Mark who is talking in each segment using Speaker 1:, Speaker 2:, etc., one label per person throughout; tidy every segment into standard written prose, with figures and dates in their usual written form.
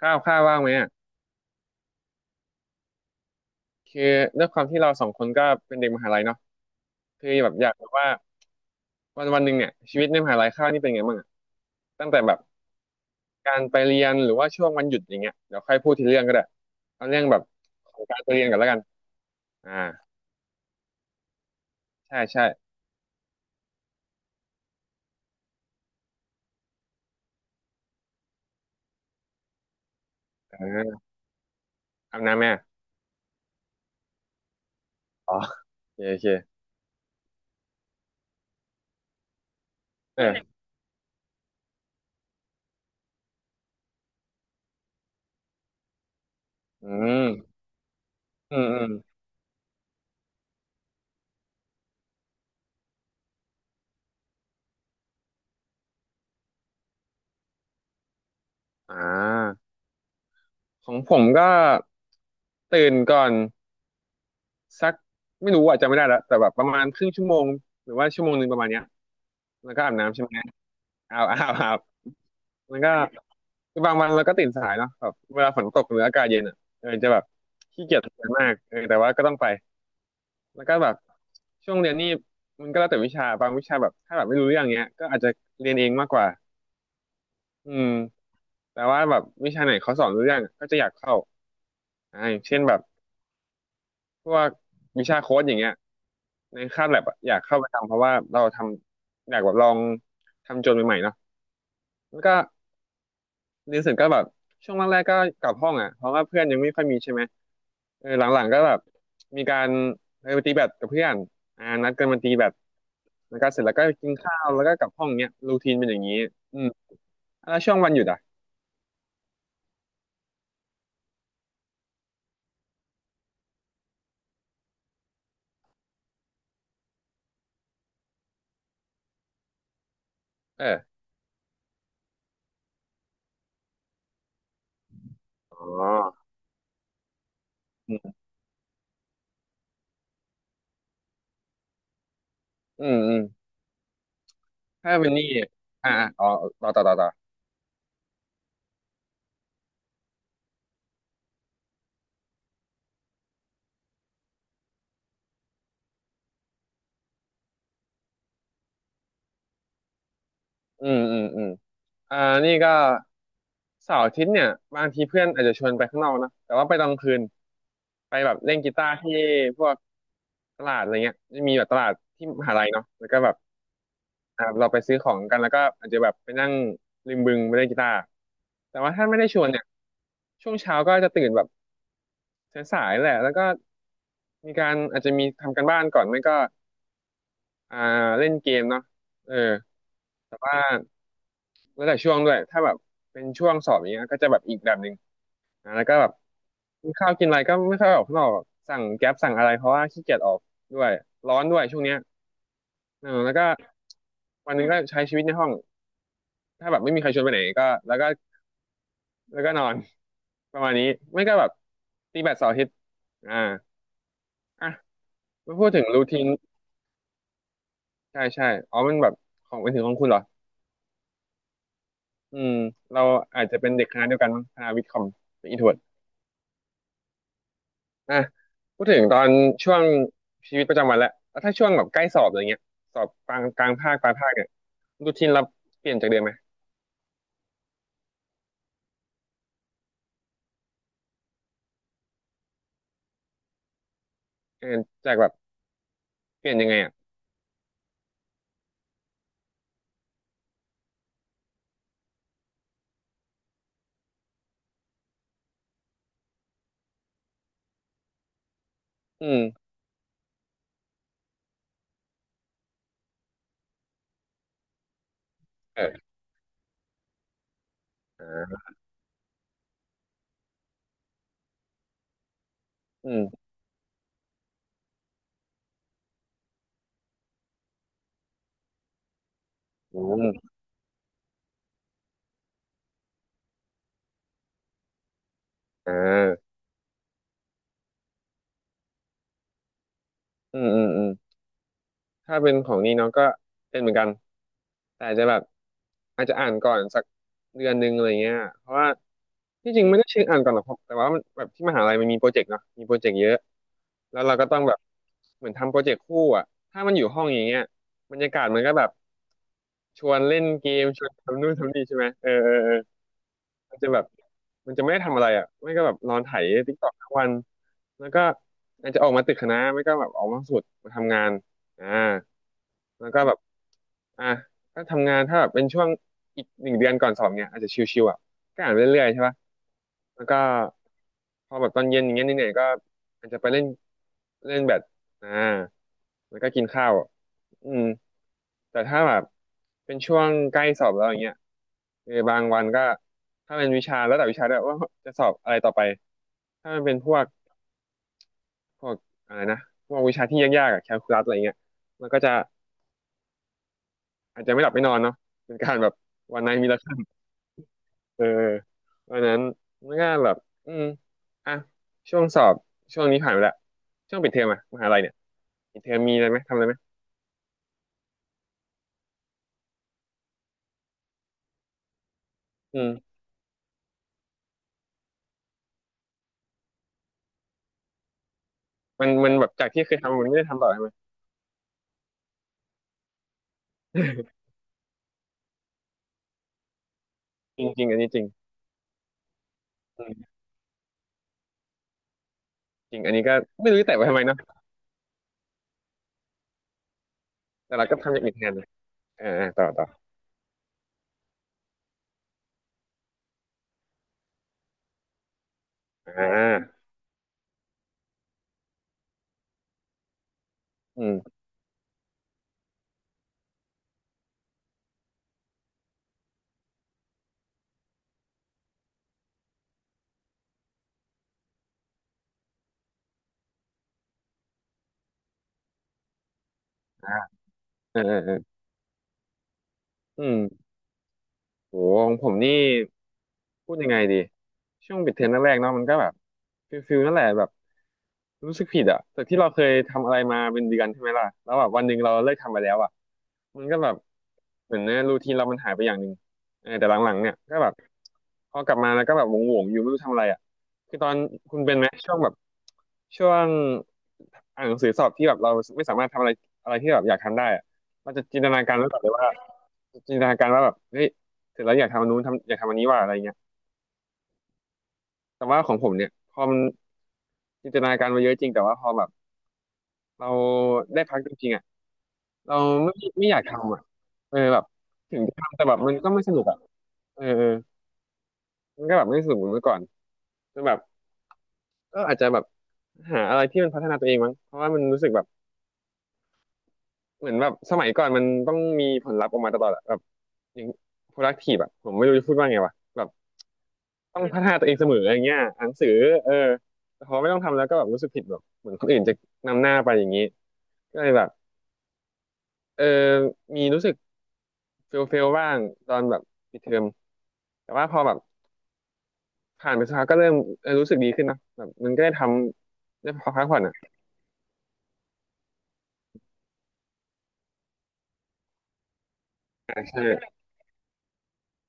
Speaker 1: ข้าวข้าวว่างไหมอ่ะคือด้วยความที่เราสองคนก็เป็นเด็กมหาลัยเนาะคือแบบอยากแบบว่าวันวันหนึ่งเนี่ยชีวิตในมหาลัยข้าวนี่เป็นไงบ้างอ่ะตั้งแต่แบบการไปเรียนหรือว่าช่วงวันหยุดอย่างเงี้ยเดี๋ยวค่อยพูดทีเรื่องก็ได้เอาเรื่องแบบของการไปเรียนก่อนแล้วกันอ่าใช่ใช่เอออาบน้ำแม่อ๋อโอเคโอเคเอออืมอืมอืมอ่าของผมก็ตื่นก่อน สักไม่รู้อาจจะจำไม่ได้แล้วแต่แบบประมาณครึ่งชั่วโมงหรือว่าชั่วโมงหนึ่งประมาณเนี้ยแล้วก็อาบน้ำใช่ไหมอาบอาบอาบแล้วก็คือบางวันเราก็ตื่นสายเนาะแบบเวลาฝนตกหรืออากาศเย็นอ่ะเออจะแบบขี้เกียจทำงานมากเออแต่ว่าก็ต้องไปแล้วก็แบบช่วงเรียนนี่มันก็แล้วแต่วิชาบางวิชาแบบถ้าแบบไม่รู้เรื่องเงี้ยก็อาจจะเรียนเองมากกว่าอืมแต่ว่าแบบวิชาไหนเขาสอนรู้เรื่องก็จะอยากเข้าอย่างเช่นแบบ พวกวิชาโค้ดอย่างเงี้ยในคาบแลบอะอยากเข้าไปทำเพราะว่าเราอยากแบบลองทำโจทย์ใหม่ๆเนาะแล้วก็เรียนเสร็จก็แบบช่วงแรกๆก็กลับห้องอะเพราะว่าเพื่อนยังไม่ค่อยมีใช่ไหมเออหลังๆก็แบบมีการเออไปตีแบดกับเพื่อนอ่านัดกันมาตีแบดแล้วก็เสร็จแล้วก็กินข้าวแล้วก็กลับห้องเนี้ยรูทีนเป็นอย่างนี้อืมแล้วช่วงวันหยุดอะเอออ๋ออืมอืมอืมถ้าเป็นนี่อ่าอ๋อต่อต่อต่อต่อ อืมอืมอืมอ่านี่ก็เสาร์อาทิตย์เนี่ยบางทีเพื่อนอาจจะชวนไปข้างนอกนะแต่ว่าไปตอนกลางคืนไปแบบเล่นกีตาร์ที่พวกตลาดอะไรเงี้ยจะมีแบบตลาดที่มหาลัยเนาะแล้วก็แบบเราไปซื้อของกันแล้วก็อาจจะแบบไปนั่งริมบึงไปเล่นกีตาร์แต่ว่าถ้าไม่ได้ชวนเนี่ยช่วงเช้าก็จะตื่นแบบสายๆแหละแล้วก็มีการอาจจะมีทำกันบ้านก่อนไม่ก็อ่าเล่นเกมเนาะเออ แล้วแต่ช่วงด้วยถ้าแบบเป็นช่วงสอบอย่างเงี้ยก็จะแบบอีกแบบหนึ่งนะแล้วก็แบบกินข้าวกินอะไรก็ไม่ค่อยออกข้างนอกแบบสั่งแก๊ปสั่งอะไรเพราะว่าขี้เกียจออกด้วยร้อนด้วยช่วงเนี้ยเออแล้วก็วันหนึงก็ใช้ชีวิตในห้องถ้าแบบไม่มีใครชวนไปไหนก็แล้วก็นอน ประมาณนี้ไม่ก็แบบตีแบดเสาร์อาทิตย์อ่าอ่ะมาพูดถึงรูทีนใช่ใช่อ๋อมันแบบของเป็นถึงของคุณเหรออืมเราอาจจะเป็นเด็กคณะเดียวกันมั้งคณะวิทย์คอมเป็นอินโทร อ่ะพูดถึงตอนช่วงชีวิตประจำวันแล้วแล้วถ้าช่วงแบบใกล้สอบอะไรเงี้ยสอบกลางกลางภาคปลายภาคเนี่ยรูทีนเราเปลี่ยนจากเดิมไหมเออจากแบบเปลี่ยนยังไงอ่ะอืมเอออ่าอืมอืมอ่าอืมอืมอืมถ้าเป็นของนี่น้องก็เป็นเหมือนกันแต่จะแบบ อาจจะอ่านก่อนสักเดือนหนึ่งอะไรเงี้ยเพราะว่าที่จริงไม่ได้เชิงอ่านก่อนหรอกครับแต่ว่ามันแบบที่มหาลัยมันมีโปรเจกต์เนาะมีโปรเจกต์เยอะ แล้วเราก็ต้องแบบเหมือนทำโปรเจกต์คู่อ่ะถ้ามันอยู่ห้องอย่างเงี้ยบรรยากาศมันก็แบบชวนเล่นเกม ชวนทำนู่นทำนี่ใช่ไหมเออเออเออ มันจะแบบมันจะไม่ได้ทำอะไรอ่ะไม่ก็แบบนอนไถติ๊กต็อกทั้งวัน แล้วก็อาจจะออกมาตึกคณะไม่ก็แบบออกมาสุดมาทำงานอ่าแล้วก็แบบอ่ะก็ทำงานถ้าแบบเป็นช่วงอีกหนึ่งเดือนก่อนสอบเนี่ยอาจจะชิวๆอ่ะก็อ่านไปเรื่อยๆใช่ปะ แล้วก็พอแบบตอนเย็นอย่างเงี้ยเหนื่อยๆก็อาจจะไปเล่นเล่นแบดอ่าแล้วก็กินข้าว อืมแต่ถ้าแบบเป็นช่วงใกล้สอบแล้วอย่างเงี้ยเออบางวันก็ถ้าเป็นวิชาแล้วแต่วิชาด้วยว่าจะสอบอะไรต่อไปถ้ามันเป็นพวกอะไรนะพวกวิชาที่ยากๆอะแคลคูลัสอะไรเงี้ยมันก็จะอาจจะไม่หลับไม่นอนเนาะเป็นการแบบวันไหนมีละครั้งเออเพราะฉะนั้นมันก็แบบอืมอ่ะช่วงสอบช่วงนี้ผ่านไปแล้วช่วงปิดเทอมอะมหาลัยเนี่ยปิดเทอมมีอะไรไหมทำอะไรไหมอืมมันแบบจากที่เคยทำมันไม่ได้ทำต่อใช่ไหม จริงจริงอันนี้จริง อืมจริงอันนี้ก็ไม่รู้จะแตะไว้ทำไมเนาะแต่เราก็ทำอย่างอื่นแทนนะอ่าอ่าต่ออ่าอืมอ่าอ่าอ่าอืม โหของผมนี่พูดยังไงดีช่วงปิดเทอมแรกๆเนาะมันก็แบบฟิลนั่นแหละแบบรู้สึกผิดอะจากที่เราเคยทำอะไรมาเป็นเดือนใช่ไหมล่ะแล้วแบบวันหนึ่งเราเลิกทำไปแล้วอะมันก็แบบเหมือนเนี่ยรูทีนเรามันหายไปอย่างหนึ่งเออแต่หลังๆเนี่ยก็แบบพอกลับมาแล้วก็แบบหวงๆอยู่ไม่รู้ทำอะไรอะคือตอนคุณเป็นไหมช่วงอ่านหนังสือสอบที่แบบเราไม่สามารถทำอะไรอะไรที่แบบอยากทำได้อะเราจะจินตนาการไว้ก่อนเลยว่า จินตนาการว่าแบบเฮ้ยเสร็จแล้วอยากทำอันนู้นอยากทำอันนี้ว่าอะไรเงี้ยแต่ว่าของผมเนี่ยพอมันจินตนาการมาเยอะจริงแต่ว่าพอแบบเราได้พักจริงๆอ่ะเราไม่ไม่อยากทำอ่ะเออแบบถึงจะทำแต่แบบมันก็ไม่สนุกอ่ะเออมันก็แบบไม่สนุกเหมือนเมื่อก่อนจนแบบก็อาจจะแบบหาอะไรที่มันพัฒนาตัวเองมั้งเพราะว่ามันรู้สึกแบบเหมือนแบบสมัยก่อนมันต้องมีผลลัพธ์ออกมาตลอดอะแบบอย่าง productive อ่ะผมไม่รู้จะพูดว่าไงวะแบบ ต้องพัฒนาตัวเองเสมออย่างเงี้ยอ่านหนังสือเออแต่พอไม่ต้องทำแล้วก็แบบรู้สึกผิดแบบเหมือนคนอื่นจะนำหน้าไปอย่างนี้ก็เลยแบบเออมีรู้สึกเฟลบ้างตอนแบบปิดเทอมแต่ว่าพอแบบผ่านไปสักพักก็เริ่มเออรู้สึกดีขึ้นนะแบบมันก็ได้ทำได้พักผ่อนอ่ะอ่าใช่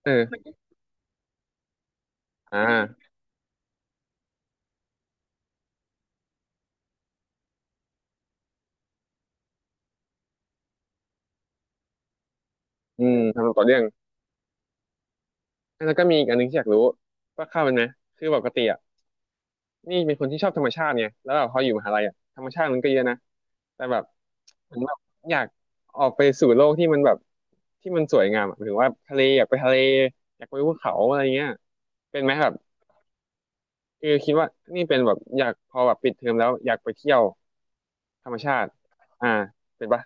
Speaker 1: เอออ่าอืมทำต่อเรื่องแล้วก็มีอีกอันหนึงที่อยากรู้ว่าเข้าเป็นไหมคือปกติอะ นี่เป็นคนที่ชอบธรรมชาติไงแล้วแบบพออยู่มหาลัยอ่ะธรรมชาติมันก็เยอะนะแต่แบบเหมือนแบบอยากออกไปสู่โลกที่มันแบบที่มันสวยงามอะหมายถึงว่าทะเลอยากไปทะเลอยากไปภูเขาอะไรเงี้ยเป็นไหมแบบคือคิดว่านี่เป็นแบบอยากพอแบบปิดเทอมแล้วอยากไปเที่ยวธรรมชาติอ่าเป็นปะ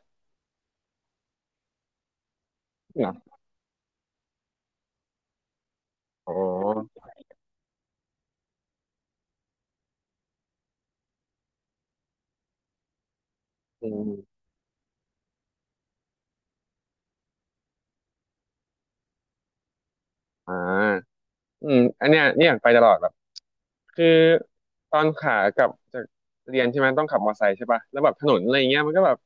Speaker 1: เหรออ๋ออืมอ่าอืมอันเนี้ยเนี่ยอยากไปตลอดแบบคือตอนขากลับจากเรียนใช่ไหมต้องขับมอเตอร์ไซค์ใช่ปะแล้วแบบถนนอะไรเงี้ยมันก็แบบ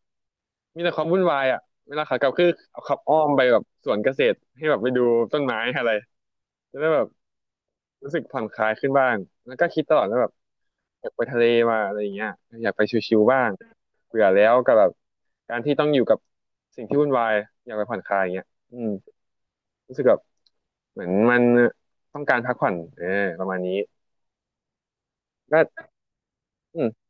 Speaker 1: มีแต่ความวุ่นวายอ่ะเวลาขากลับคือเอาขับอ้อมไปแบบสวนเกษตรให้แบบไปดูต้นไม้อะไรจะได้แบบรู้สึกผ่อนคลายขึ้นบ้างแล้วก็คิดตลอดว่าแบบอยากไปทะเลมาอะไรอย่างเงี้ยอยากไปชิวๆบ้างเบื่อแล้วกับแบบการที่ต้องอยู่กับสิ่งที่วุ่นวายอยากไปผ่อนคลายอย่างเงี้ยอืมรู้สึกแบบเหมือนมันต้องการพักผ่อนเออประมาณนี้ก็อืม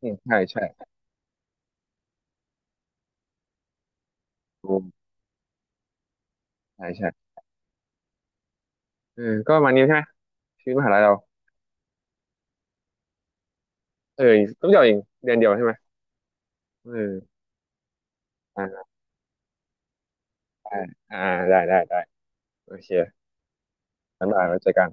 Speaker 1: อืมใช่ใช่ถูกใช่ใช่เออก็ประมาณนี้ใช่ไหมชีวิตมหาลัยเราเออต้องเดียวเองเดือนเดียวใช่ไหมเออ ได้อ่าได้ได้ได้โอเคงั้นมาไว้เจอกัน